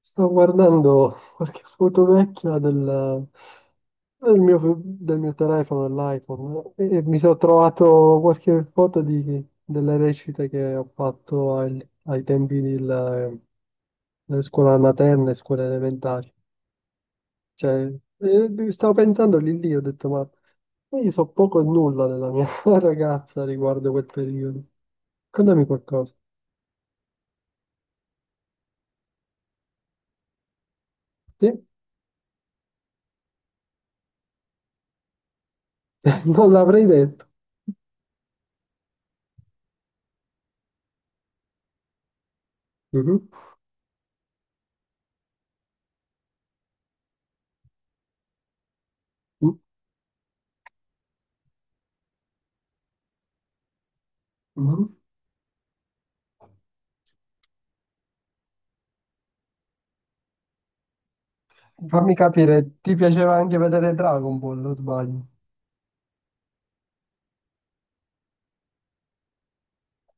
Sto guardando qualche foto vecchia del mio telefono, dell'iPhone, e mi sono trovato qualche foto delle recite che ho fatto ai tempi delle scuole materne, scuole elementari. Cioè, stavo pensando lì lì, ho detto, ma io so poco e nulla della mia ragazza riguardo quel periodo. Contami qualcosa. Sì? Non l'avrei detto. Mhm. Mhm. Fammi capire, ti piaceva anche vedere Dragon Ball, o sbaglio?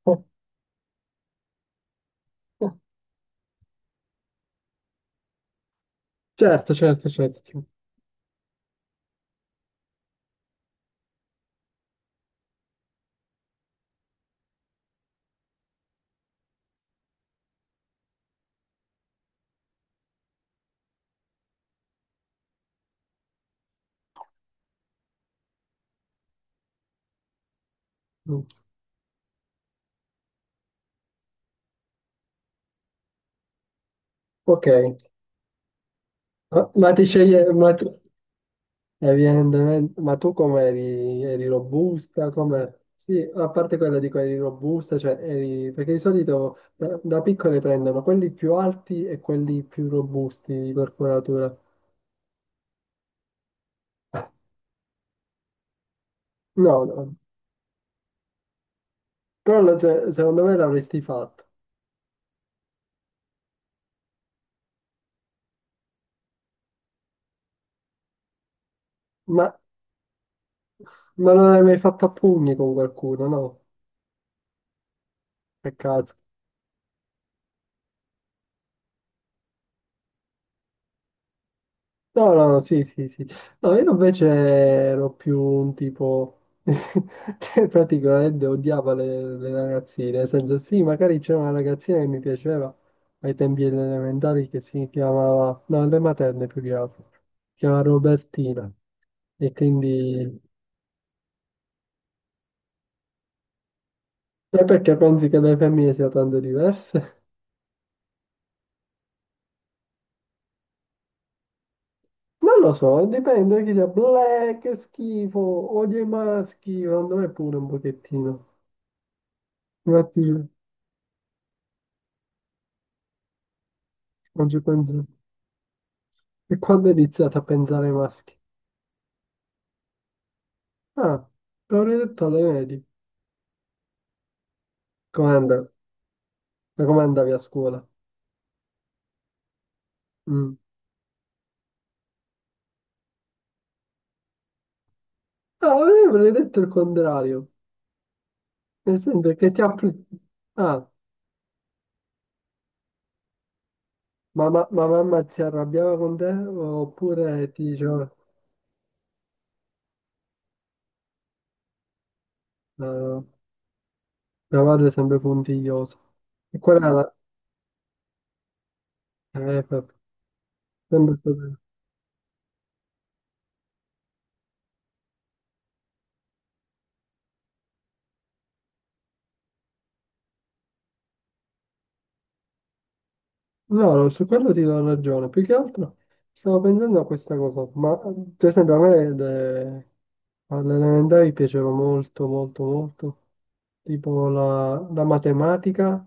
Oh, oh, certo, certo, certo. Sì. Mm. Ok, ma ti sceglie, ma tu, evidentemente, ma tu come eri robusta? Come, sì, a parte quello dico eri robusta, cioè eri, perché di solito da piccole prendono quelli più alti e quelli più robusti di corporatura. No, no, però secondo me l'avresti fatto, ma, ma non l'hai mai fatto a pugni con qualcuno, no? Peccato. No, no, no, sì, sì, sì. No, io invece ero più un tipo che praticamente odiava le ragazzine, nel senso sì, magari c'era una ragazzina che mi piaceva ai tempi delle elementari che si chiamava, no, alle materne più che altro, si chiamava Robertina. E quindi. E perché pensi che le femmine siano tanto diverse? Non lo so, dipende chi sia. Bleh, che schifo, odio i maschi, secondo me pure un pochettino. Infatti, non ci penso. E quando hai iniziato a pensare ai maschi? Ah, l'avrei detto alle medie. Come andavi? Ma come andavi a scuola? Mm. Ah, io avrei detto il contrario. Nel senso che ti appli. Ah, ma mamma si arrabbiava con te oppure ti diceva. No, no, no, mia madre è sempre puntigliosa. E quella era la. Vabbè, sempre stato. No, no, su quello ti do ragione. Più che altro stavo pensando a questa cosa, ma per esempio a me alle elementari piaceva molto, molto, molto, tipo la matematica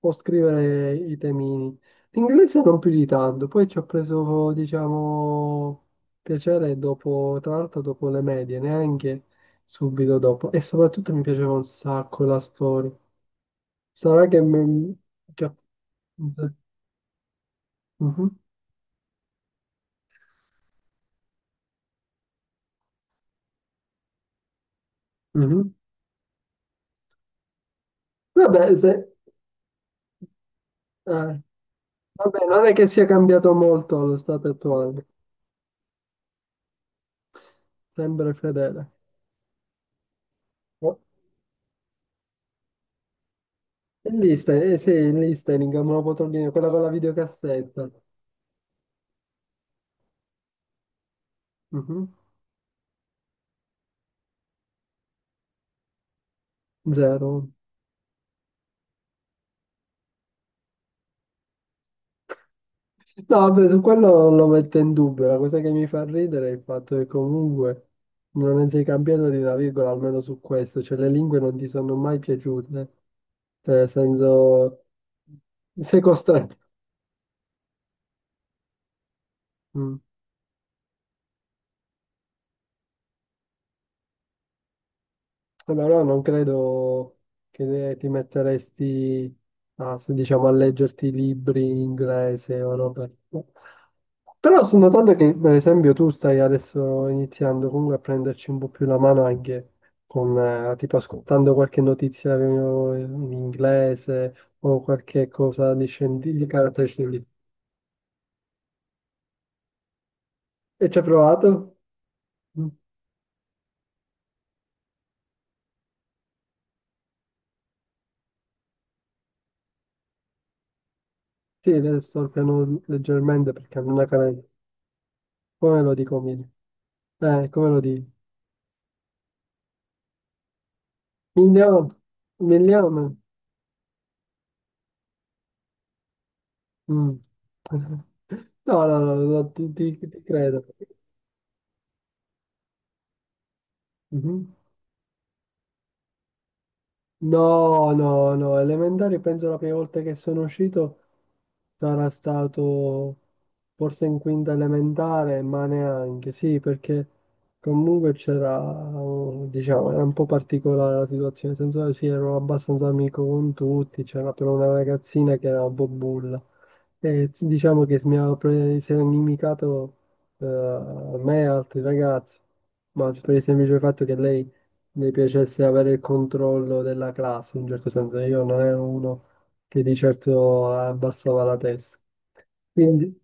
o scrivere i temini. L'inglese non più di tanto, poi ci ho preso, diciamo, piacere dopo, tra l'altro dopo le medie, neanche subito dopo. E soprattutto mi piaceva un sacco la storia. Sarà che. Mhm. Mhm. Vabbè, se- eh, vabbè, non è che sia cambiato molto lo stato attuale, sempre fedele. Oh, il listening, eh sì, il listening, me lo potrò dire, quella con la videocassetta. Mhm. Zero. No, vabbè, su quello non lo metto in dubbio, la cosa che mi fa ridere è il fatto che comunque non ne sei cambiato di una virgola, almeno su questo, cioè le lingue non ti sono mai piaciute, cioè nel senso sei costretto. Mm. Ma no, non credo che ti metteresti a, se diciamo, a leggerti libri in inglese o robe. Però sto notando che, per esempio, tu stai adesso iniziando comunque a prenderci un po' più la mano anche con, tipo, ascoltando qualche notizia in inglese o qualche cosa di carattere scientifico. E ci hai provato? Mm. Sì, adesso sto piano leggermente perché non è canale. Come lo dico meglio? Come lo dico? Milione, milione. Mm. No, no, no, no, ti credo. Mhm. No, no, no, elementari penso la prima volta che sono uscito. Sarà stato forse in quinta elementare, ma neanche, sì, perché comunque c'era, diciamo, era un po' particolare la situazione, nel senso che sì, ero abbastanza amico con tutti, c'era però una ragazzina che era un po' bulla. E diciamo che si era inimicato a me e altri ragazzi, ma per il semplice fatto che lei mi piacesse avere il controllo della classe, in un certo senso. Io non ero uno che di certo abbassava la testa. Quindi,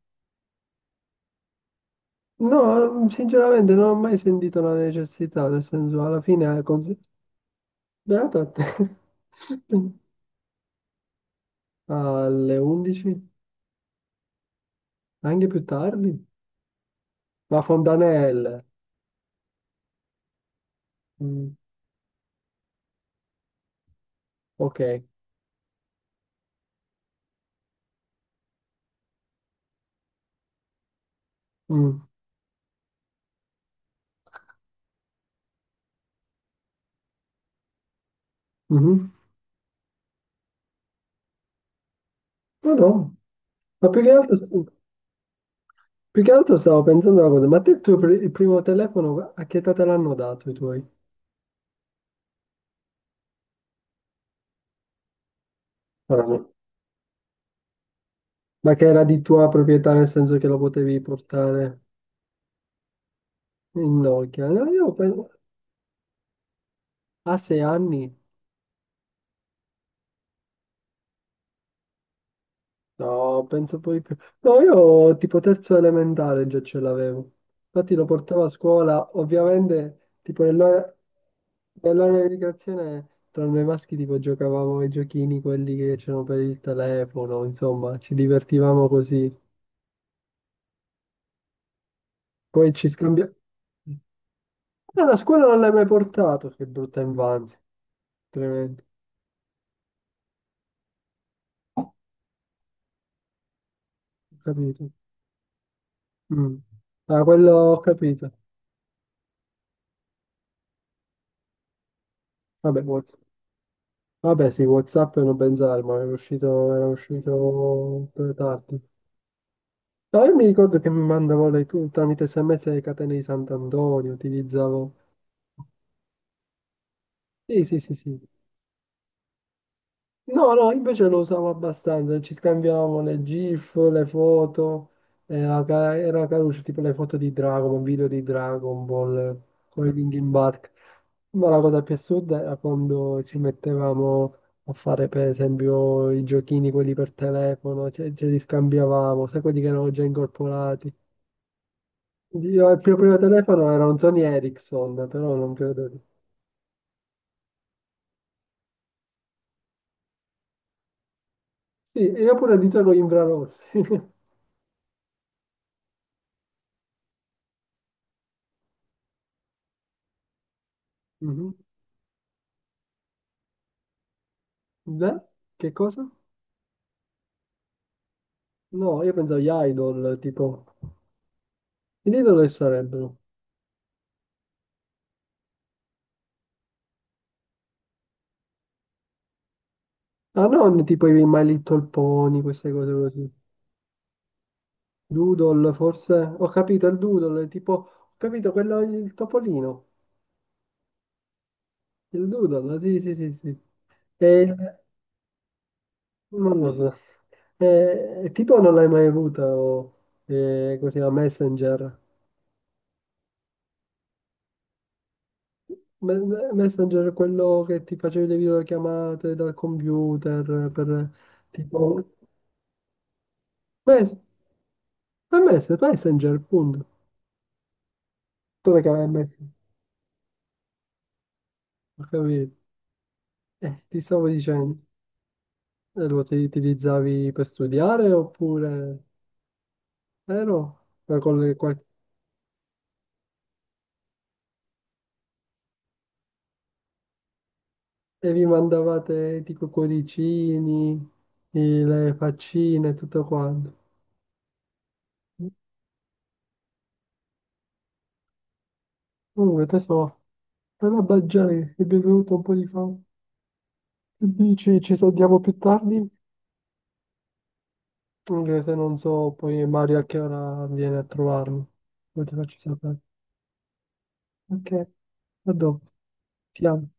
no, sinceramente non ho mai sentito la necessità, nel senso, alla fine, beato a te. Alle 11, anche più tardi. La Fontanelle. Mm, ok. Mm, mhm. No, no, ma più che altro stavo pensando una cosa, ma te il primo telefono, a che età te l'hanno dato i tuoi? Ora no. Ma che era di tua proprietà, nel senso che lo potevi portare? Nokia, no, io penso, a 6 anni? No, penso poi più. No, io tipo terzo elementare già ce l'avevo. Infatti lo portavo a scuola, ovviamente tipo nell'ora di ricreazione tra noi maschi tipo giocavamo ai giochini, quelli che c'erano per il telefono, insomma, ci divertivamo così. Poi ci scambiavamo. No, la scuola non l'hai mai portato, che brutta infanzia, tremendo. Ho capito. Mm. Ah, quello ho capito. Vabbè, buono. Vabbè, sì, WhatsApp non pensare, ma era uscito per tardi. No, io mi ricordo che mi mandavo le, tramite SMS le catene di Sant'Antonio, utilizzavo. Sì, sì, sì, sì. No, no, invece lo usavo abbastanza, ci scambiavamo le GIF, le foto, era caruccio, tipo le foto di Dragon, video di Dragon Ball, con i Linkin Park. Ma la cosa più assurda era quando ci mettevamo a fare per esempio i giochini, quelli per telefono, ce li scambiavamo, sai quelli che erano già incorporati. Io, il mio primo telefono era un Sony Ericsson, però non credo. Sì, e io pure dicevo infrarossi. Mhm. Beh, che cosa? No, io pensavo agli idol, tipo. Gli idol che sarebbero? Ah, non tipo i My Little Pony, queste cose così. Doodle, forse. Ho capito il doodle, è tipo, ho capito quello, il topolino. Il doodle, sì, sì, sì, sì. E, ma no, no. E tipo non l'hai mai avuto, o, così, a Messenger. Messenger è quello che ti facevi le videochiamate dal computer per, tipo, mes- Messenger, punto. Tu che avevi Messenger, ho capito. Ti stavo dicendo, Utilizzavi per studiare oppure. Vero? Ma E vi mandavate tipo cuoricini, le faccine e tutto quanto. Comunque, tesoro, per la baggiare è bevuto un po' di fame. Che dici, ci sentiamo più tardi? Anche se non so poi Mario a che ora viene a trovarmi. Poi ti faccio sapere. Ok, a dopo. Ti amo.